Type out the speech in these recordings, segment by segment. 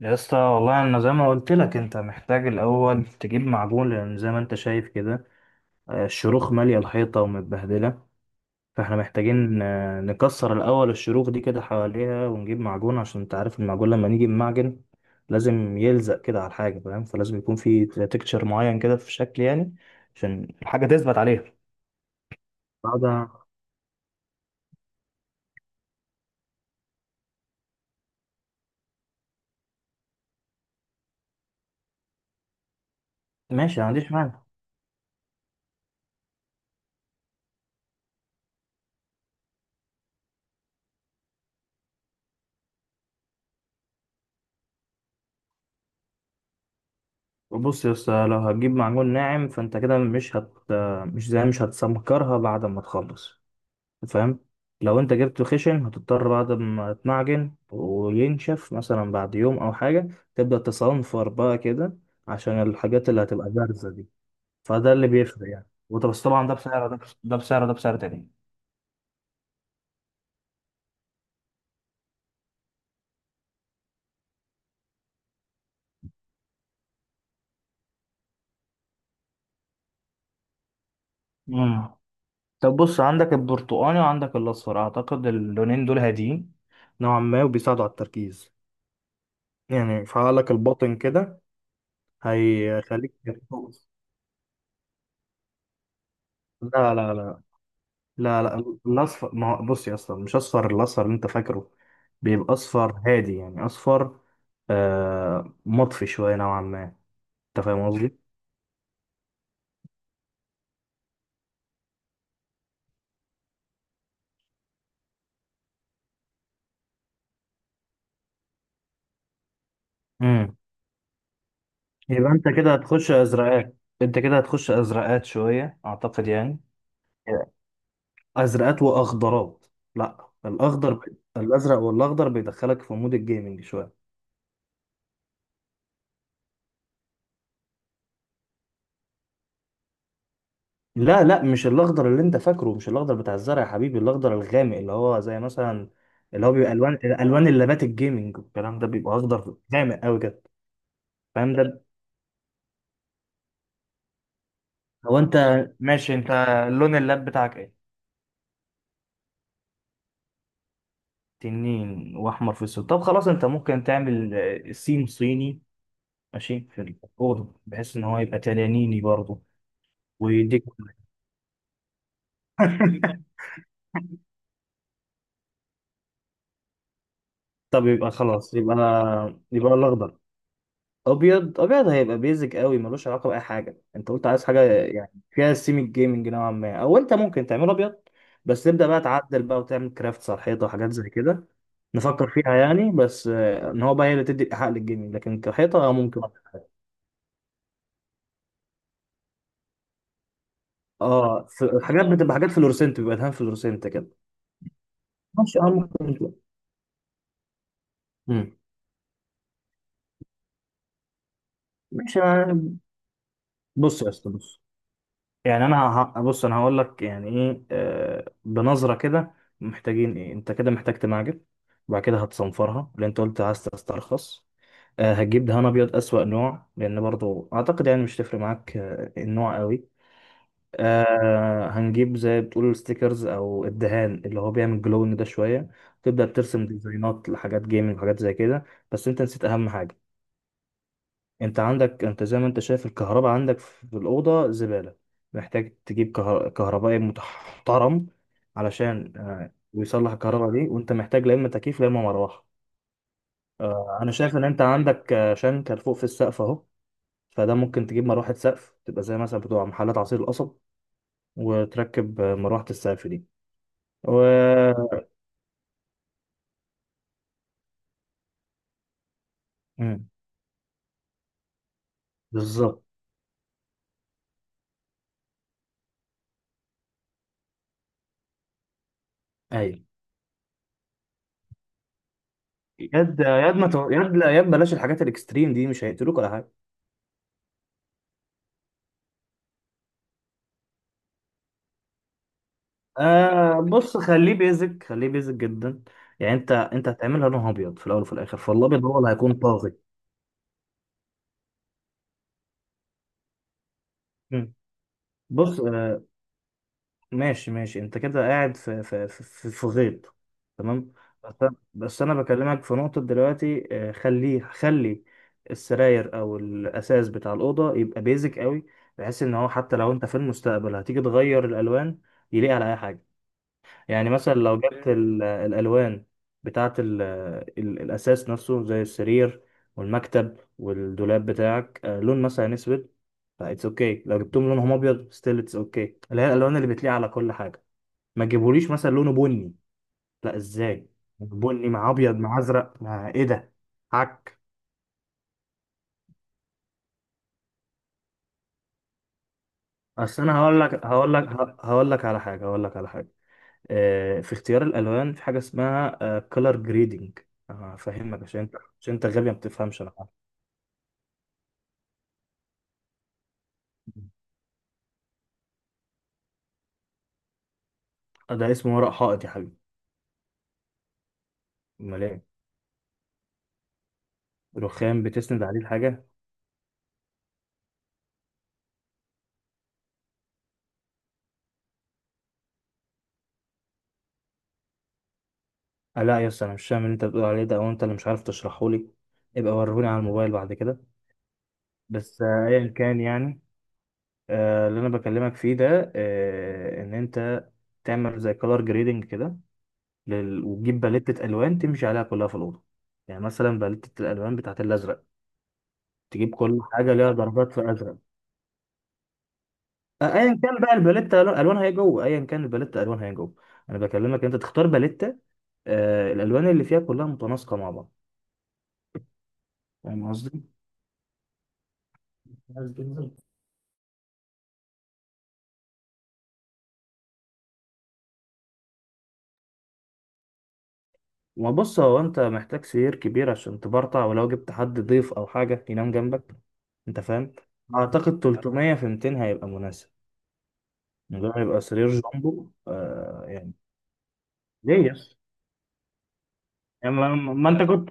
يا اسطى، والله انا زي ما قلت لك، انت محتاج الاول تجيب معجون، لان زي ما انت شايف كده، الشروخ ماليه الحيطه ومتبهدله. فاحنا محتاجين نكسر الاول الشروخ دي كده حواليها ونجيب معجون، عشان انت عارف المعجون لما نيجي بمعجن لازم يلزق كده على الحاجه، فاهم؟ فلازم يكون في تكتشر معين كده، في شكل يعني، عشان الحاجه تثبت عليها. بعد. ماشي، ما عنديش مانع. بص يا اسطى، لو هتجيب معجون ناعم فانت كده مش هت آه، مش زي مش هتسمكرها بعد ما تخلص، فاهم؟ لو انت جبته خشن، هتضطر بعد ما تمعجن وينشف مثلا بعد يوم او حاجة تبدأ تصنفر بقى كده، عشان الحاجات اللي هتبقى بارزة دي. فده اللي بيفرق يعني، وده بس طبعا ده بسعر ده بسعر تاني. مم. طب بص، عندك البرتقاني وعندك الاصفر، اعتقد اللونين دول هاديين نوعا ما، وبيساعدوا على التركيز، يعني فعالك الباطن كده، هيخليك تركز. لا لا لا لا لا، الاصفر، ما هو بص يا، اصلا مش اصفر، الاصفر اللي انت فاكره بيبقى اصفر هادي، يعني اصفر مطفي شويه نوعا ما، انت فاهم قصدي؟ امم. يبقى انت كده هتخش ازرقات شويه اعتقد يعني. ازرقات واخضرات. لا، الاخضر. الازرق والاخضر بيدخلك في مود الجيمنج شويه. لا لا، مش الاخضر اللي انت فاكره، مش الاخضر بتاع الزرع يا حبيبي، الاخضر الغامق اللي هو زي مثلا، اللي هو بيبقى الوان اللابات الجيمنج والكلام ده بيبقى اخضر غامق قوي كده. فاهم ده؟ هو انت، ماشي انت، لون اللاب بتاعك ايه؟ تنين واحمر في السود. طب خلاص، انت ممكن تعمل سيم صيني ماشي في الاوضه، بحيث ان هو يبقى تنانيني برضه. ويديك. طب يبقى خلاص، يبقى الاخضر. ابيض ابيض هيبقى بيزك قوي، ملوش علاقه باي حاجه. انت قلت عايز حاجه يعني فيها سيمي جيمنج نوعا ما، او انت ممكن تعمله ابيض بس تبدا بقى تعدل بقى، وتعمل كرافتس على الحيطه وحاجات زي كده. نفكر فيها يعني، بس ان هو بقى هي اللي تدي الايحاء للجيمنج، لكن كحيطه، ممكن. اه، حاجات بتبقى، حاجات فلورسنت، بيبقى دهان فلورسنت كده. ماشي، اه، ممكن. مم. ماشي، بص يا اسطى، بص. يعني انا، بص انا هقول لك يعني ايه، بنظره كده. محتاجين ايه؟ انت كده محتاج تمعجن، وبعد كده هتصنفرها، اللي انت قلت عايز تسترخص. هتجيب دهان ابيض، اسوأ نوع، لان برضو اعتقد يعني مش تفرق معاك النوع قوي. هنجيب زي بتقول ستيكرز، او الدهان اللي هو بيعمل جلون ده شويه، تبدا ترسم ديزاينات لحاجات جيمنج وحاجات زي كده. بس انت نسيت اهم حاجه. انت عندك، انت زي ما انت شايف، الكهرباء عندك في الأوضة زبالة. محتاج تجيب كهربائي محترم علشان، ويصلح الكهرباء دي، وانت محتاج لا اما تكييف لا اما مروحة. انا شايف ان انت عندك شنكر فوق في السقف اهو، فده ممكن تجيب مروحة سقف تبقى زي مثلا بتوع محلات عصير القصب، وتركب مروحة السقف دي. و... مم، بالظبط، ايوه. يد يد ما تو... يد لا يد بلاش الحاجات الاكستريم دي، مش هيقتلوك ولا حاجة. بص، خليه بيزك، خليه بيزك جدا. يعني انت هتعملها لونها ابيض في الاول وفي الاخر، فالابيض هو اللي هيكون طاغي. مم. بص ماشي ماشي، انت كده قاعد في غيط. تمام. بس أنا بكلمك في نقطة دلوقتي، خلي السراير او الاساس بتاع الاوضة يبقى بيزك قوي، بحيث ان هو حتى لو انت في المستقبل هتيجي تغير الالوان يليق على اي حاجة. يعني مثلا لو جبت، اوكي، الألوان بتاعة الأساس نفسه زي السرير والمكتب والدولاب بتاعك لون مثلا أسود. فإتس أوكي لو جبتهم لونهم أبيض، ستيل إتس أوكي، اللي هي الألوان اللي بتليق على كل حاجة. ما تجيبوليش مثلا لونه بني. لا، إزاي بني مع أبيض مع أزرق مع إيه ده؟ عك. أصل أنا هقول لك، هقول لك، هقول لك على حاجة، هقول لك على حاجة، في اختيار الألوان في حاجة اسمها كولر جريدنج، هفهمك عشان انت، عشان انت غبي ما بتفهمش انا. ده اسمه ورق حائط يا حبيبي. امال ايه؟ رخام بتسند عليه الحاجه؟ لا يا اسطى، انا مش فاهم اللي انت بتقول عليه ده، او انت اللي مش عارف تشرحه لي. ابقى وريهولي على الموبايل بعد كده. بس ايا كان يعني. اللي انا بكلمك فيه ده، ان انت تعمل زي كولر جريدنج كده، وتجيب باليتة الوان تمشي عليها كلها في الاوضه. يعني مثلا باليتة الالوان بتاعت الازرق، تجيب كل حاجه ليها درجات في ازرق. ايا كان بقى الباليتة الوانها ايه جوه، انا بكلمك إن انت تختار باليتة، الالوان اللي فيها كلها متناسقه مع بعض. فاهم قصدي؟ ما بص، هو انت محتاج سرير كبير عشان تبرطع، ولو جبت حد ضيف او حاجه ينام جنبك، انت فاهم؟ اعتقد 300 في 200 هيبقى مناسب. ده هيبقى سرير جامبو يعني. ليه يس؟ يعني ما, ما انت كنت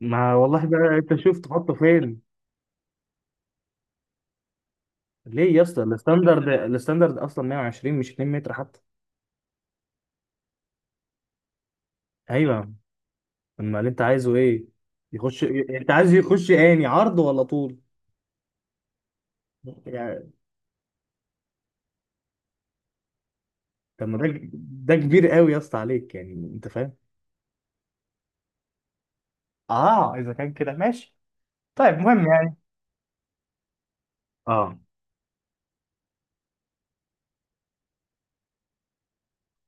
ما والله بقى انت شوف تحطه فين. ليه يا اسطى؟ الستاندرد، الستاندرد اصلا 120 مش 2 متر حتى. ايوه. امال انت عايزه ايه؟ يخش، انت عايز يخش اني عرض ولا طول؟ يعني. طب ما ده، ده كبير قوي يا اسطى عليك، يعني انت فاهم. اه، اذا كان كده ماشي. طيب، مهم يعني. اه،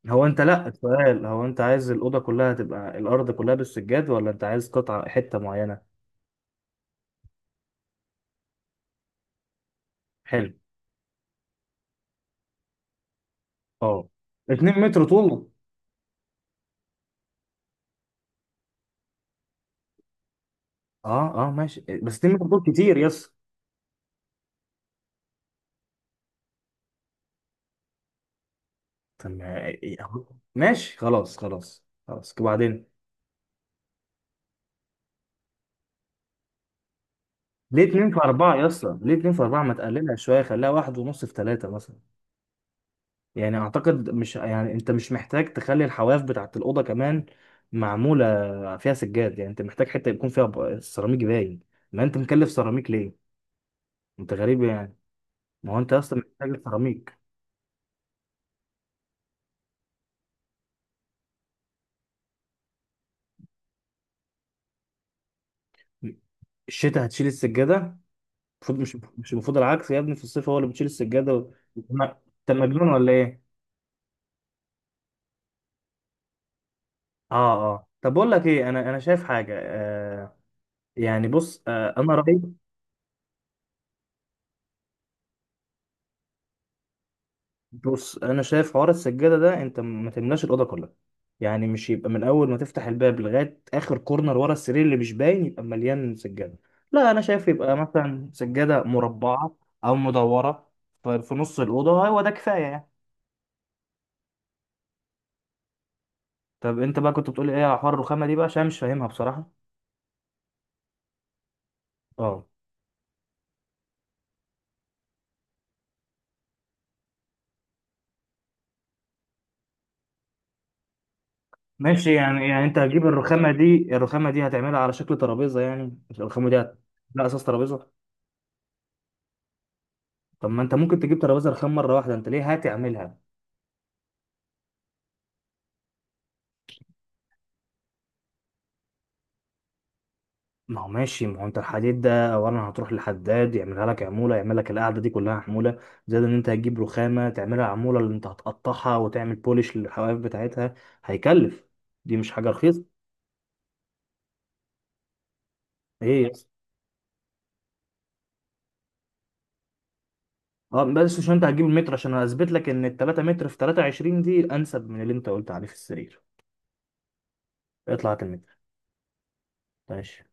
هو انت، لا، السؤال هو انت عايز الاوضه كلها تبقى، الارض كلها بالسجاد، ولا انت عايز قطعه حته معينه؟ حلو. اه، 2 متر طول. اه اه ماشي، بس 2 متر طول كتير يس. طب إيه، أهو. ماشي، خلاص خلاص خلاص. وبعدين، ليه 2 في 4 يا اسطى؟ ليه 2 في 4؟ ما تقللها شويه، خليها واحد ونص في 3 مثلا. يعني اعتقد، مش يعني، انت مش محتاج تخلي الحواف بتاعت الاوضه كمان معموله فيها سجاد. يعني انت محتاج حته يكون فيها سيراميك باين. ما انت مكلف سيراميك ليه؟ انت غريب يعني. ما هو انت اصلا محتاج سيراميك. الشتاء هتشيل السجاده؟ المفروض مش، مش المفروض العكس يا ابني. في الصيف هو اللي بتشيل السجاده انت مجنون ولا ايه؟ اه اه. طب بقول لك ايه، انا شايف حاجه يعني. بص انا رايي، بص انا شايف حوار السجاده ده، انت ما تملاش الاوضه كلها. يعني مش يبقى من اول ما تفتح الباب لغايه اخر كورنر ورا السرير اللي مش باين يبقى مليان سجاده. لا، انا شايف يبقى مثلا سجاده مربعه او مدوره في نص الاوضه، هو ده كفايه يعني. طب انت بقى كنت بتقول ايه على حوار الرخامه دي بقى، عشان أنا مش فاهمها بصراحه. اه ماشي، يعني يعني انت هتجيب الرخامه دي، الرخامه دي هتعملها على شكل ترابيزه يعني، مش الرخامه دي لا، اساس ترابيزه. طب ما انت ممكن تجيب ترابيزه رخام مره واحده، انت ليه هتعملها؟ ما هو ماشي، ما هو انت الحديد ده اولا هتروح لحداد يعملها لك عموله، يعمل لك القعده دي كلها عموله. زائد ان انت هتجيب رخامه تعملها عموله، اللي انت هتقطعها وتعمل بولش للحواف بتاعتها، هيكلف. دي مش حاجه رخيصه. ايه يا اسطى؟ اه، بس عشان انت هتجيب المتر عشان اثبت لك ان ال 3 متر في 23 دي انسب من اللي انت قلت عليه في السرير. اطلع هات المتر. ماشي